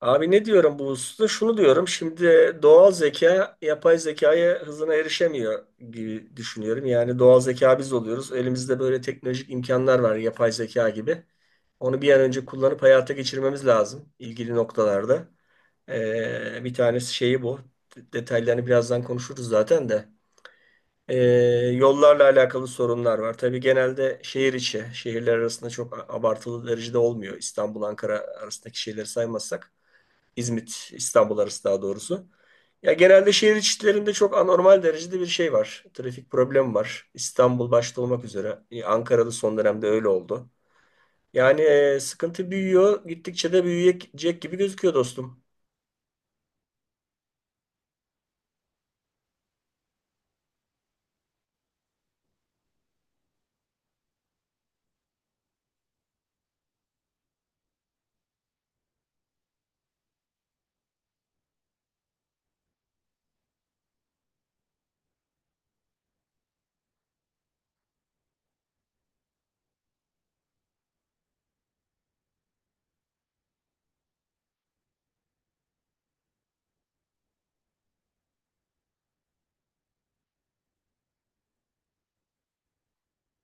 Abi ne diyorum bu hususta? Şunu diyorum. Şimdi doğal zeka yapay zekaya hızına erişemiyor gibi düşünüyorum. Yani doğal zeka biz oluyoruz. Elimizde böyle teknolojik imkanlar var yapay zeka gibi. Onu bir an önce kullanıp hayata geçirmemiz lazım ilgili noktalarda. Bir tanesi şeyi bu. Detaylarını birazdan konuşuruz zaten de. Ee, yollarla alakalı sorunlar var. Tabii genelde şehir içi, şehirler arasında çok abartılı derecede olmuyor. İstanbul, Ankara arasındaki şeyleri saymazsak. İzmit, İstanbul arası daha doğrusu. Ya genelde şehir içlerinde çok anormal derecede bir şey var. Trafik problemi var. İstanbul başta olmak üzere. Ankara'da son dönemde öyle oldu. Yani sıkıntı büyüyor. Gittikçe de büyüyecek gibi gözüküyor dostum.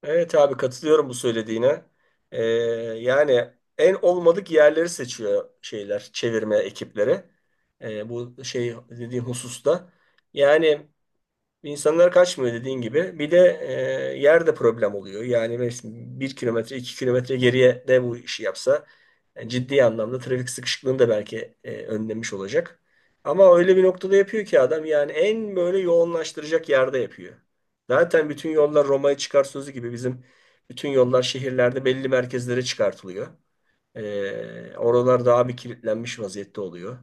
Evet abi katılıyorum bu söylediğine. E, yani en olmadık yerleri seçiyor şeyler, çevirme ekipleri. Bu şey dediğim hususta. Yani İnsanlar kaçmıyor dediğin gibi. Bir de yer problem oluyor. Yani mesela 1 kilometre, 2 kilometre geriye de bu işi yapsa ciddi anlamda trafik sıkışıklığını da belki önlemiş olacak. Ama öyle bir noktada yapıyor ki adam yani en böyle yoğunlaştıracak yerde yapıyor. Zaten bütün yollar Roma'ya çıkar sözü gibi bizim bütün yollar şehirlerde belli merkezlere çıkartılıyor. Oralar daha bir kilitlenmiş vaziyette oluyor.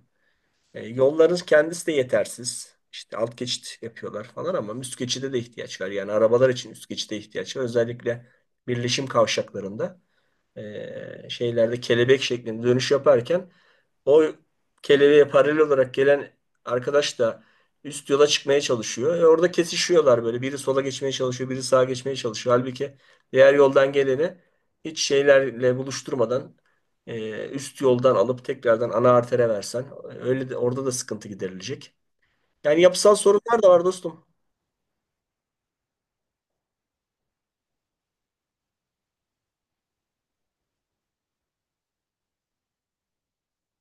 Yolların kendisi de yetersiz. İşte alt geçit yapıyorlar falan ama üst geçide de ihtiyaç var. Yani arabalar için üst geçide ihtiyaç var. Özellikle birleşim kavşaklarında şeylerde kelebek şeklinde dönüş yaparken o kelebeğe paralel olarak gelen arkadaş da üst yola çıkmaya çalışıyor. Orada kesişiyorlar böyle. Biri sola geçmeye çalışıyor, biri sağa geçmeye çalışıyor. Halbuki diğer yoldan geleni hiç şeylerle buluşturmadan üst yoldan alıp tekrardan ana artere versen öyle de orada da sıkıntı giderilecek. Yani yapısal sorunlar da var dostum.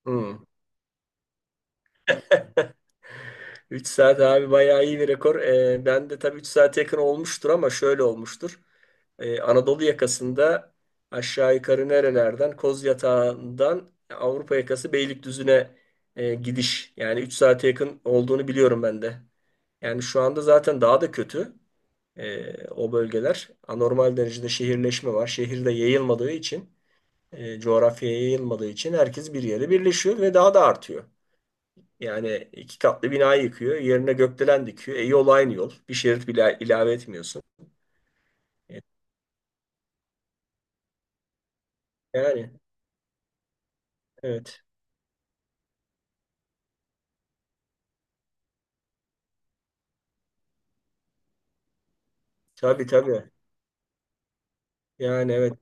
Hmm. 3 saat abi bayağı iyi bir rekor. Ben de tabii 3 saate yakın olmuştur ama şöyle olmuştur. Anadolu yakasında aşağı yukarı nerelerden? Koz Yatağı'ndan Avrupa yakası Beylikdüzü'ne gidiş. Yani 3 saate yakın olduğunu biliyorum ben de. Yani şu anda zaten daha da kötü o bölgeler. Anormal derecede şehirleşme var. Şehirde yayılmadığı için, coğrafyaya yayılmadığı için herkes bir yere birleşiyor ve daha da artıyor. Yani iki katlı binayı yıkıyor, yerine gökdelen dikiyor. Yol aynı yol. Bir şerit bile ilave etmiyorsun. E, Yani evet. Tabii tabii. Yani evet,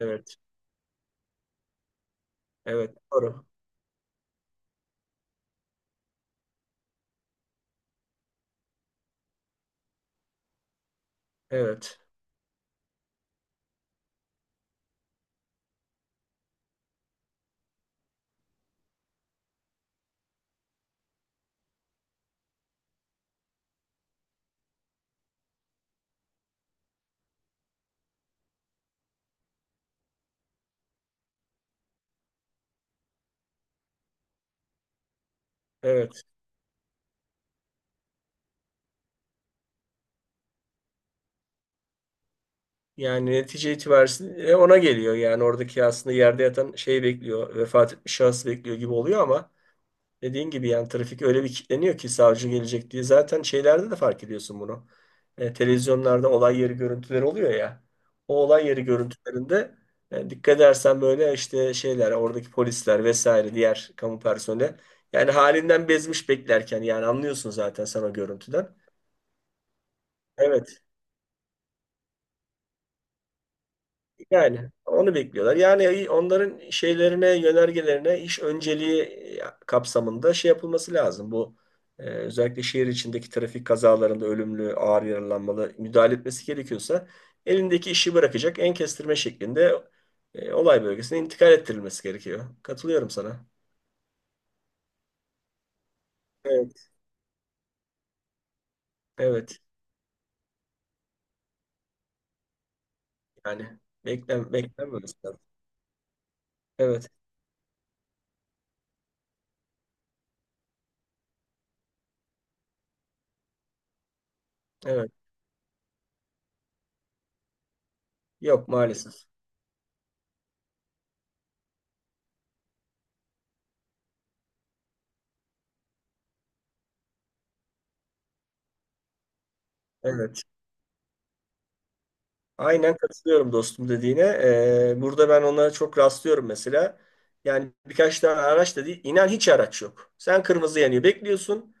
evet, evet, doğru. Evet, evet. Yani netice itibariyle ona geliyor. Yani oradaki aslında yerde yatan şey bekliyor, vefat etmiş şahıs bekliyor gibi oluyor ama dediğin gibi yani trafik öyle bir kilitleniyor ki savcı gelecek diye. Zaten şeylerde de fark ediyorsun bunu. Televizyonlarda olay yeri görüntüleri oluyor ya. O olay yeri görüntülerinde dikkat edersen böyle işte şeyler, oradaki polisler vesaire diğer kamu personeli. Yani halinden bezmiş beklerken yani anlıyorsun zaten sen o görüntüden. Evet. Yani onu bekliyorlar. Yani onların şeylerine, yönergelerine iş önceliği kapsamında şey yapılması lazım. Bu özellikle şehir içindeki trafik kazalarında ölümlü, ağır yaralanmalı müdahale etmesi gerekiyorsa elindeki işi bırakacak en kestirme şeklinde olay bölgesine intikal ettirilmesi gerekiyor. Katılıyorum sana. Evet. Evet. Yani beklem. Evet. Evet. Yok maalesef. Evet. Aynen katılıyorum dostum dediğine. Burada ben ona çok rastlıyorum mesela. Yani birkaç tane araç da değil. İnan hiç araç yok. Sen kırmızı yanıyor bekliyorsun.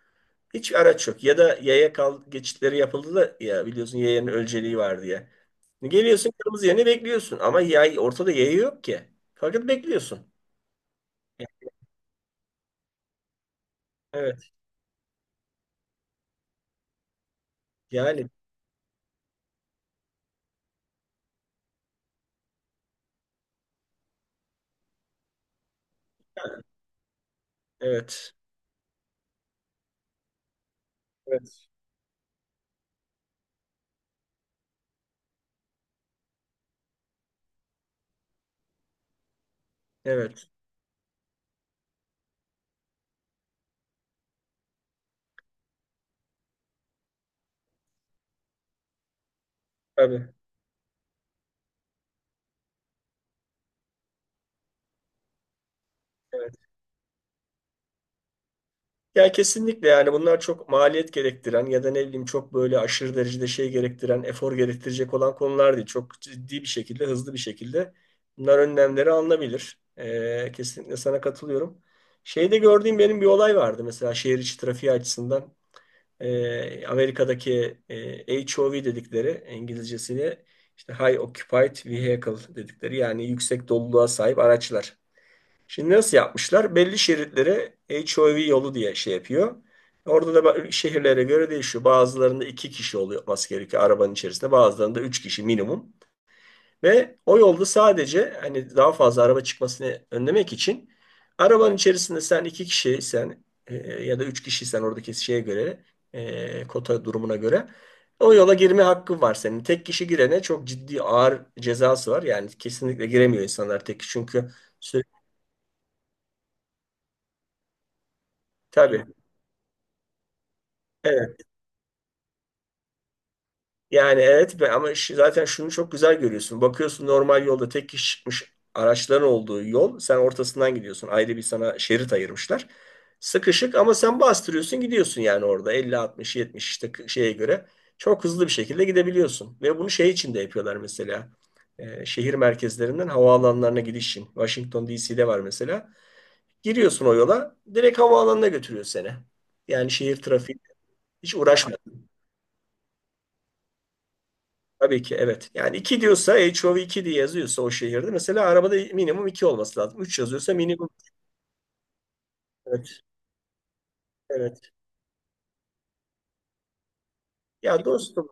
Hiç araç yok. Ya da yaya kal geçitleri yapıldı da ya biliyorsun yayanın ölçeliği var diye. Geliyorsun kırmızı yanıyor bekliyorsun. Ama yay, ortada yaya yok ki. Fakat bekliyorsun. Evet. Yani evet. Evet. Evet. Tabii. Evet. Ya kesinlikle yani bunlar çok maliyet gerektiren ya da ne bileyim çok böyle aşırı derecede şey gerektiren, efor gerektirecek olan konular değil. Çok ciddi bir şekilde, hızlı bir şekilde bunlar önlemleri alınabilir. Kesinlikle sana katılıyorum. Şeyde gördüğüm benim bir olay vardı mesela şehir içi trafiği açısından. Amerika'daki HOV dedikleri İngilizcesini işte High Occupied Vehicle dedikleri yani yüksek doluluğa sahip araçlar. Şimdi nasıl yapmışlar? Belli şeritlere HOV yolu diye şey yapıyor. Orada da şehirlere göre değişiyor. Bazılarında iki kişi oluyor olması gerekiyor arabanın içerisinde. Bazılarında üç kişi minimum. Ve o yolda sadece hani daha fazla araba çıkmasını önlemek için arabanın içerisinde sen iki kişiysen ya da üç kişiysen oradaki şeye göre kota durumuna göre o yola girme hakkın var senin. Tek kişi girene çok ciddi ağır cezası var. Yani kesinlikle giremiyor insanlar tek kişi çünkü sürekli tabii. Evet. Yani evet be ama zaten şunu çok güzel görüyorsun. Bakıyorsun normal yolda tek kişi çıkmış araçların olduğu yol. Sen ortasından gidiyorsun. Ayrı bir sana şerit ayırmışlar. Sıkışık ama sen bastırıyorsun gidiyorsun yani orada 50, 60, 70 işte şeye göre. Çok hızlı bir şekilde gidebiliyorsun. Ve bunu şey için de yapıyorlar mesela. Şehir merkezlerinden havaalanlarına gidiş için. Washington DC'de var mesela. Giriyorsun o yola direkt havaalanına götürüyor seni. Yani şehir trafiği hiç uğraşma. Tabii ki evet. Yani 2 diyorsa HOV iki diye yazıyorsa o şehirde mesela arabada minimum 2 olması lazım. 3 yazıyorsa minimum evet, evet. Ya dostum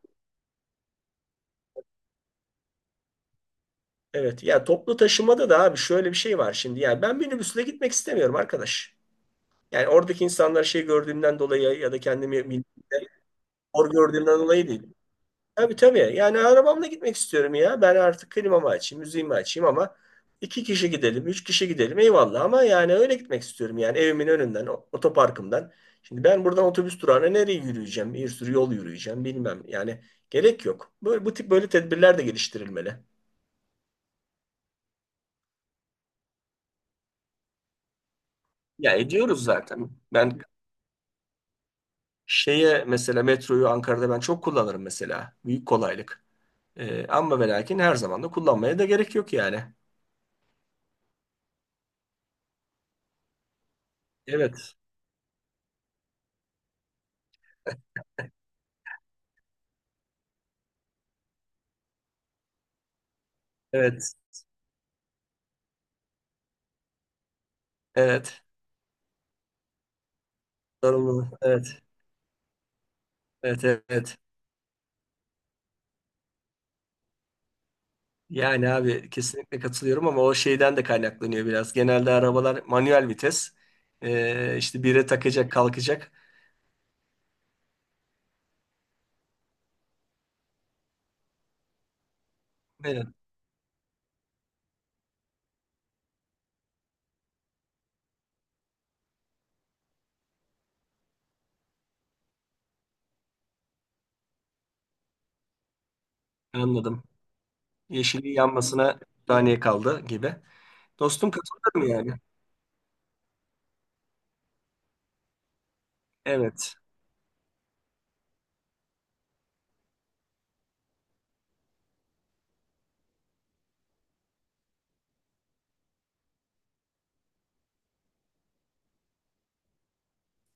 evet ya toplu taşımada da abi şöyle bir şey var şimdi. Yani ben minibüsle gitmek istemiyorum arkadaş. Yani oradaki insanlar şey gördüğümden dolayı ya da kendimi bildiğimde hor gördüğümden dolayı değil. Tabii tabii. Yani arabamla gitmek istiyorum ya. Ben artık klimamı açayım, müziğimi açayım ama iki kişi gidelim, üç kişi gidelim eyvallah ama yani öyle gitmek istiyorum. Yani evimin önünden, otoparkımdan. Şimdi ben buradan otobüs durağına nereye yürüyeceğim? Bir sürü yol yürüyeceğim bilmem. Yani gerek yok. Böyle, bu tip böyle tedbirler de geliştirilmeli. Ya ediyoruz zaten. Ben şeye mesela metroyu Ankara'da ben çok kullanırım mesela. Büyük kolaylık. Ama ve lakin her zaman da kullanmaya da gerek yok yani. Evet. Evet. Evet. Sorumluluk. Evet. Evet, evet, evet. Yani abi kesinlikle katılıyorum ama o şeyden de kaynaklanıyor biraz. Genelde arabalar manuel vites. İşte bire takacak, kalkacak. Evet, anladım. Yeşili yanmasına saniye kaldı gibi. Dostum katılıyorum yani. Evet.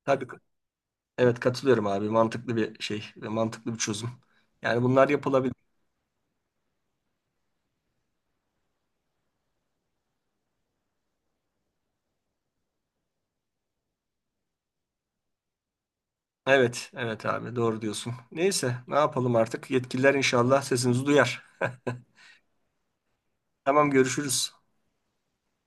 Tabii. Evet katılıyorum abi. Mantıklı bir şey. Mantıklı bir çözüm. Yani bunlar yapılabilir. Evet. Evet abi. Doğru diyorsun. Neyse. Ne yapalım artık? Yetkililer inşallah sesimizi duyar. Tamam görüşürüz.